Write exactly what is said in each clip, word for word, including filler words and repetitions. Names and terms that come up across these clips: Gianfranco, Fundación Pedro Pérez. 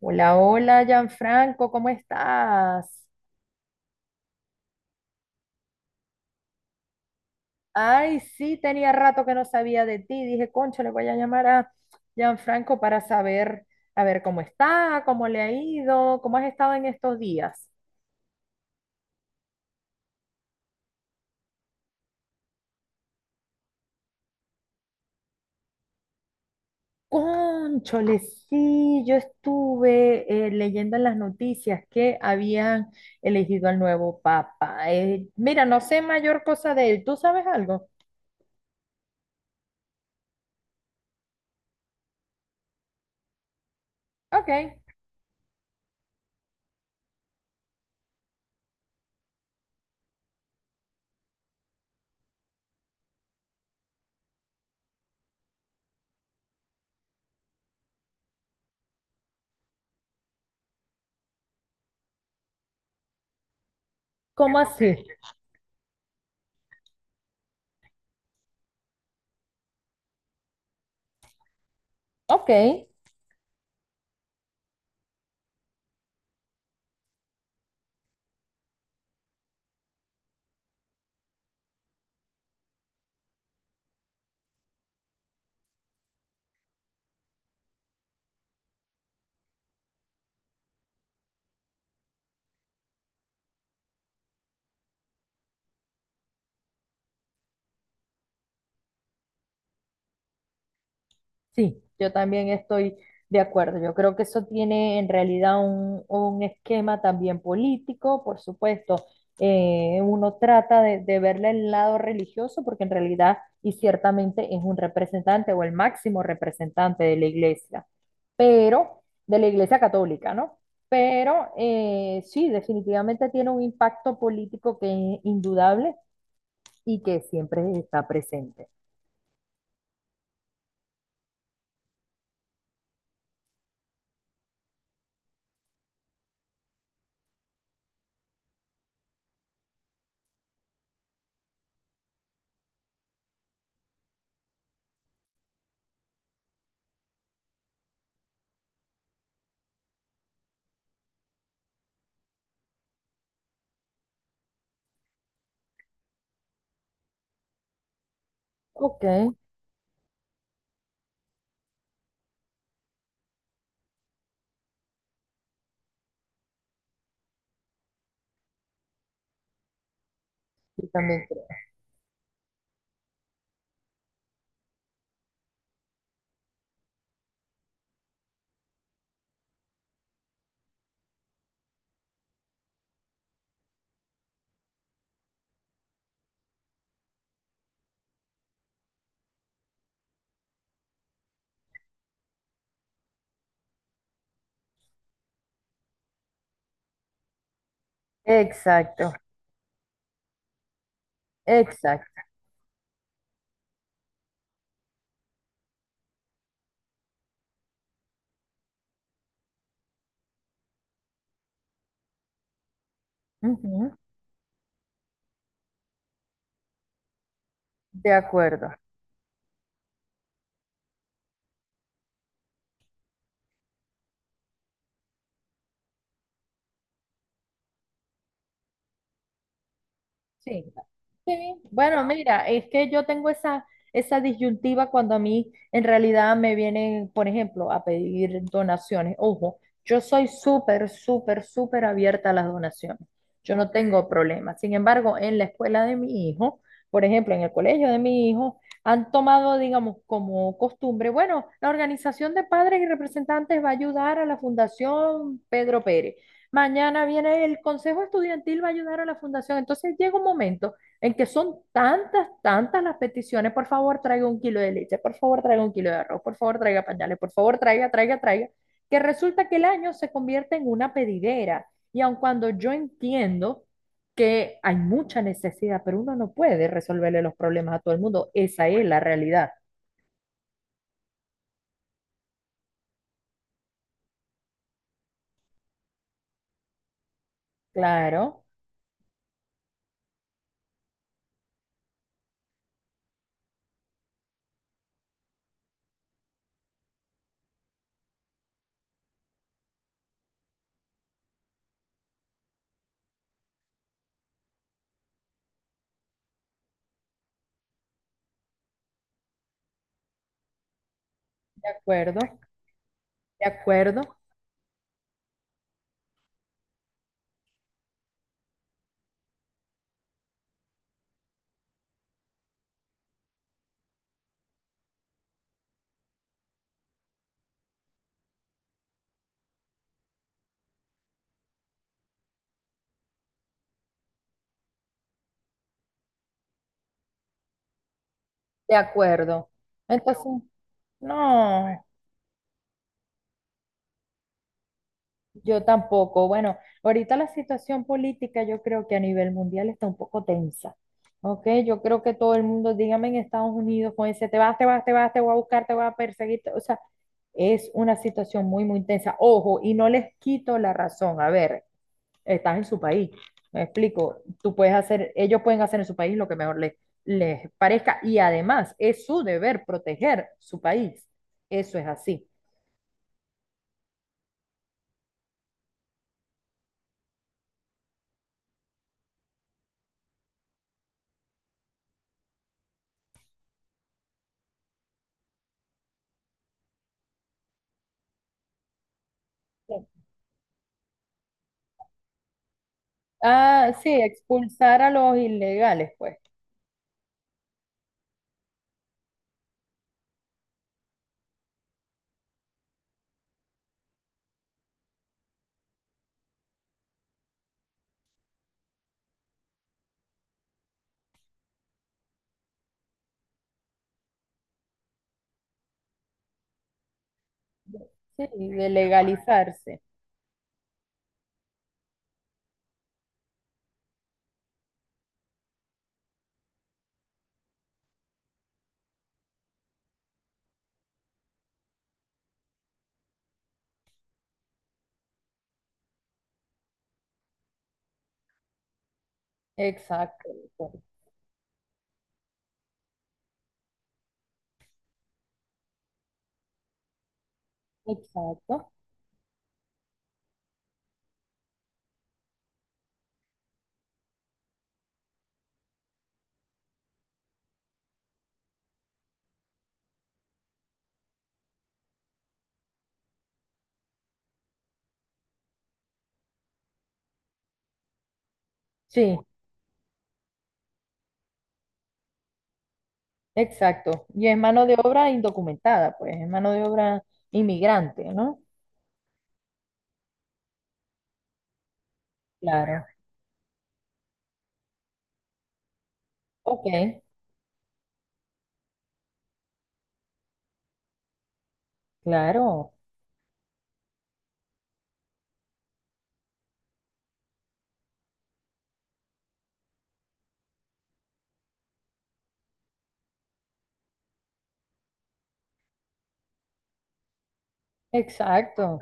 Hola, hola, Gianfranco, ¿cómo estás? Ay, sí, tenía rato que no sabía de ti. Dije, concho, le voy a llamar a Gianfranco para saber, a ver cómo está, cómo le ha ido, cómo has estado en estos días. Cónchole, sí, yo estuve eh, leyendo en las noticias que habían elegido al nuevo papa. Eh, mira, no sé mayor cosa de él. ¿Tú sabes algo? Ok. ¿Cómo así? Ok. Sí, yo también estoy de acuerdo. Yo creo que eso tiene en realidad un, un esquema también político, por supuesto. Eh, uno trata de, de verle el lado religioso porque en realidad y ciertamente es un representante o el máximo representante de la iglesia, pero de la iglesia católica, ¿no? Pero eh, sí, definitivamente tiene un impacto político que es indudable y que siempre está presente. Ok, yo también creo. Exacto. Exacto. Ujú. De acuerdo. Sí, sí. Bueno, mira, es que yo tengo esa, esa disyuntiva cuando a mí en realidad me vienen, por ejemplo, a pedir donaciones. Ojo, yo soy súper, súper, súper abierta a las donaciones. Yo no tengo problema. Sin embargo, en la escuela de mi hijo, por ejemplo, en el colegio de mi hijo, han tomado, digamos, como costumbre, bueno, la organización de padres y representantes va a ayudar a la Fundación Pedro Pérez. Mañana viene el consejo estudiantil, va a ayudar a la fundación. Entonces llega un momento en que son tantas, tantas las peticiones. Por favor, traiga un kilo de leche, por favor, traiga un kilo de arroz, por favor, traiga pañales, por favor, traiga, traiga, traiga, que resulta que el año se convierte en una pedidera. Y aun cuando yo entiendo que hay mucha necesidad, pero uno no puede resolverle los problemas a todo el mundo, esa es la realidad. Claro, de acuerdo, de acuerdo, de acuerdo. Entonces, no. Yo tampoco. Bueno, ahorita la situación política yo creo que a nivel mundial está un poco tensa. ¿Ok? Yo creo que todo el mundo, dígame en Estados Unidos, con ese te vas, te vas, te vas, te voy a buscar, te voy a perseguir. te- O sea, es una situación muy, muy tensa. Ojo, y no les quito la razón. A ver, estás en su país. Me explico. Tú puedes hacer, ellos pueden hacer en su país lo que mejor les, les parezca. Y además, es su deber proteger su país. Eso es así. Ah, sí, expulsar a los ilegales, pues. Sí, de legalizarse. Exacto, exacto. Sí, exacto. Y es mano de obra indocumentada, pues, es mano de obra inmigrante, ¿no? Claro. Ok, claro. Exacto,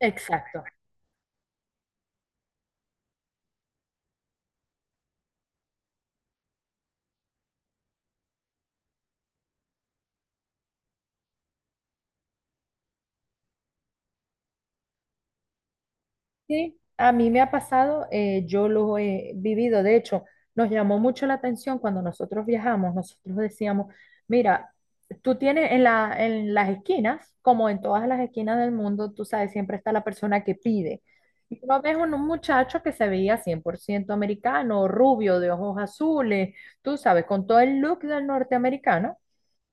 exacto. Sí, a mí me ha pasado, eh, yo lo he vivido, de hecho, nos llamó mucho la atención cuando nosotros viajamos, nosotros decíamos, mira, tú tienes en la, en las esquinas, como en todas las esquinas del mundo, tú sabes, siempre está la persona que pide. Y tú no ves un, un muchacho que se veía cien por ciento americano, rubio, de ojos azules, tú sabes, con todo el look del norteamericano.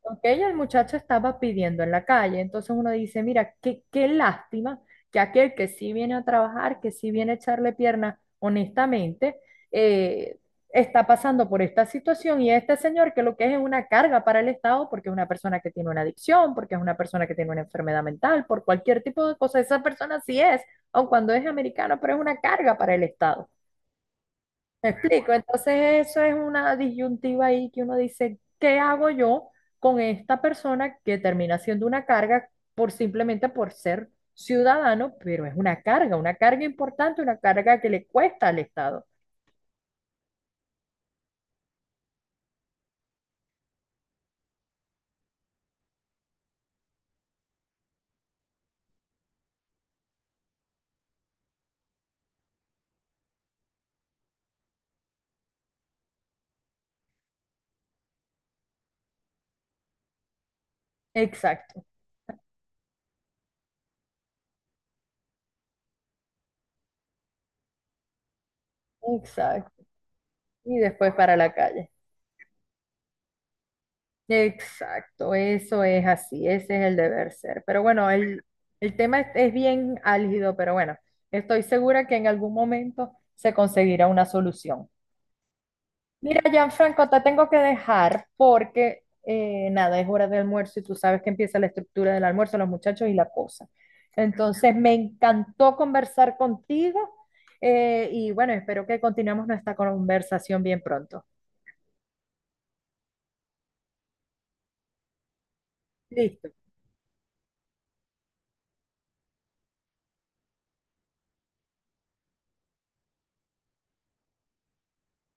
Ok, el muchacho estaba pidiendo en la calle, entonces uno dice, mira, qué, qué lástima que aquel que sí viene a trabajar, que sí viene a echarle pierna honestamente, eh, está pasando por esta situación y este señor que lo que es es una carga para el Estado porque es una persona que tiene una adicción, porque es una persona que tiene una enfermedad mental, por cualquier tipo de cosa, esa persona sí es, aun cuando es americano, pero es una carga para el Estado. Me explico, entonces eso es una disyuntiva ahí que uno dice, ¿qué hago yo con esta persona que termina siendo una carga por simplemente por ser ciudadano, pero es una carga, una carga importante, una carga que le cuesta al Estado? Exacto, exacto. Y después para la calle. Exacto, eso es así, ese es el deber ser. Pero bueno, el, el tema es, es bien álgido, pero bueno, estoy segura que en algún momento se conseguirá una solución. Mira, Gianfranco, te tengo que dejar porque eh, nada, es hora de almuerzo y tú sabes que empieza la estructura del almuerzo, los muchachos y la cosa. Entonces, me encantó conversar contigo eh, y bueno, espero que continuemos nuestra conversación bien pronto. Listo,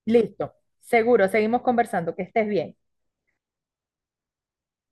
listo, seguro, seguimos conversando, que estés bien.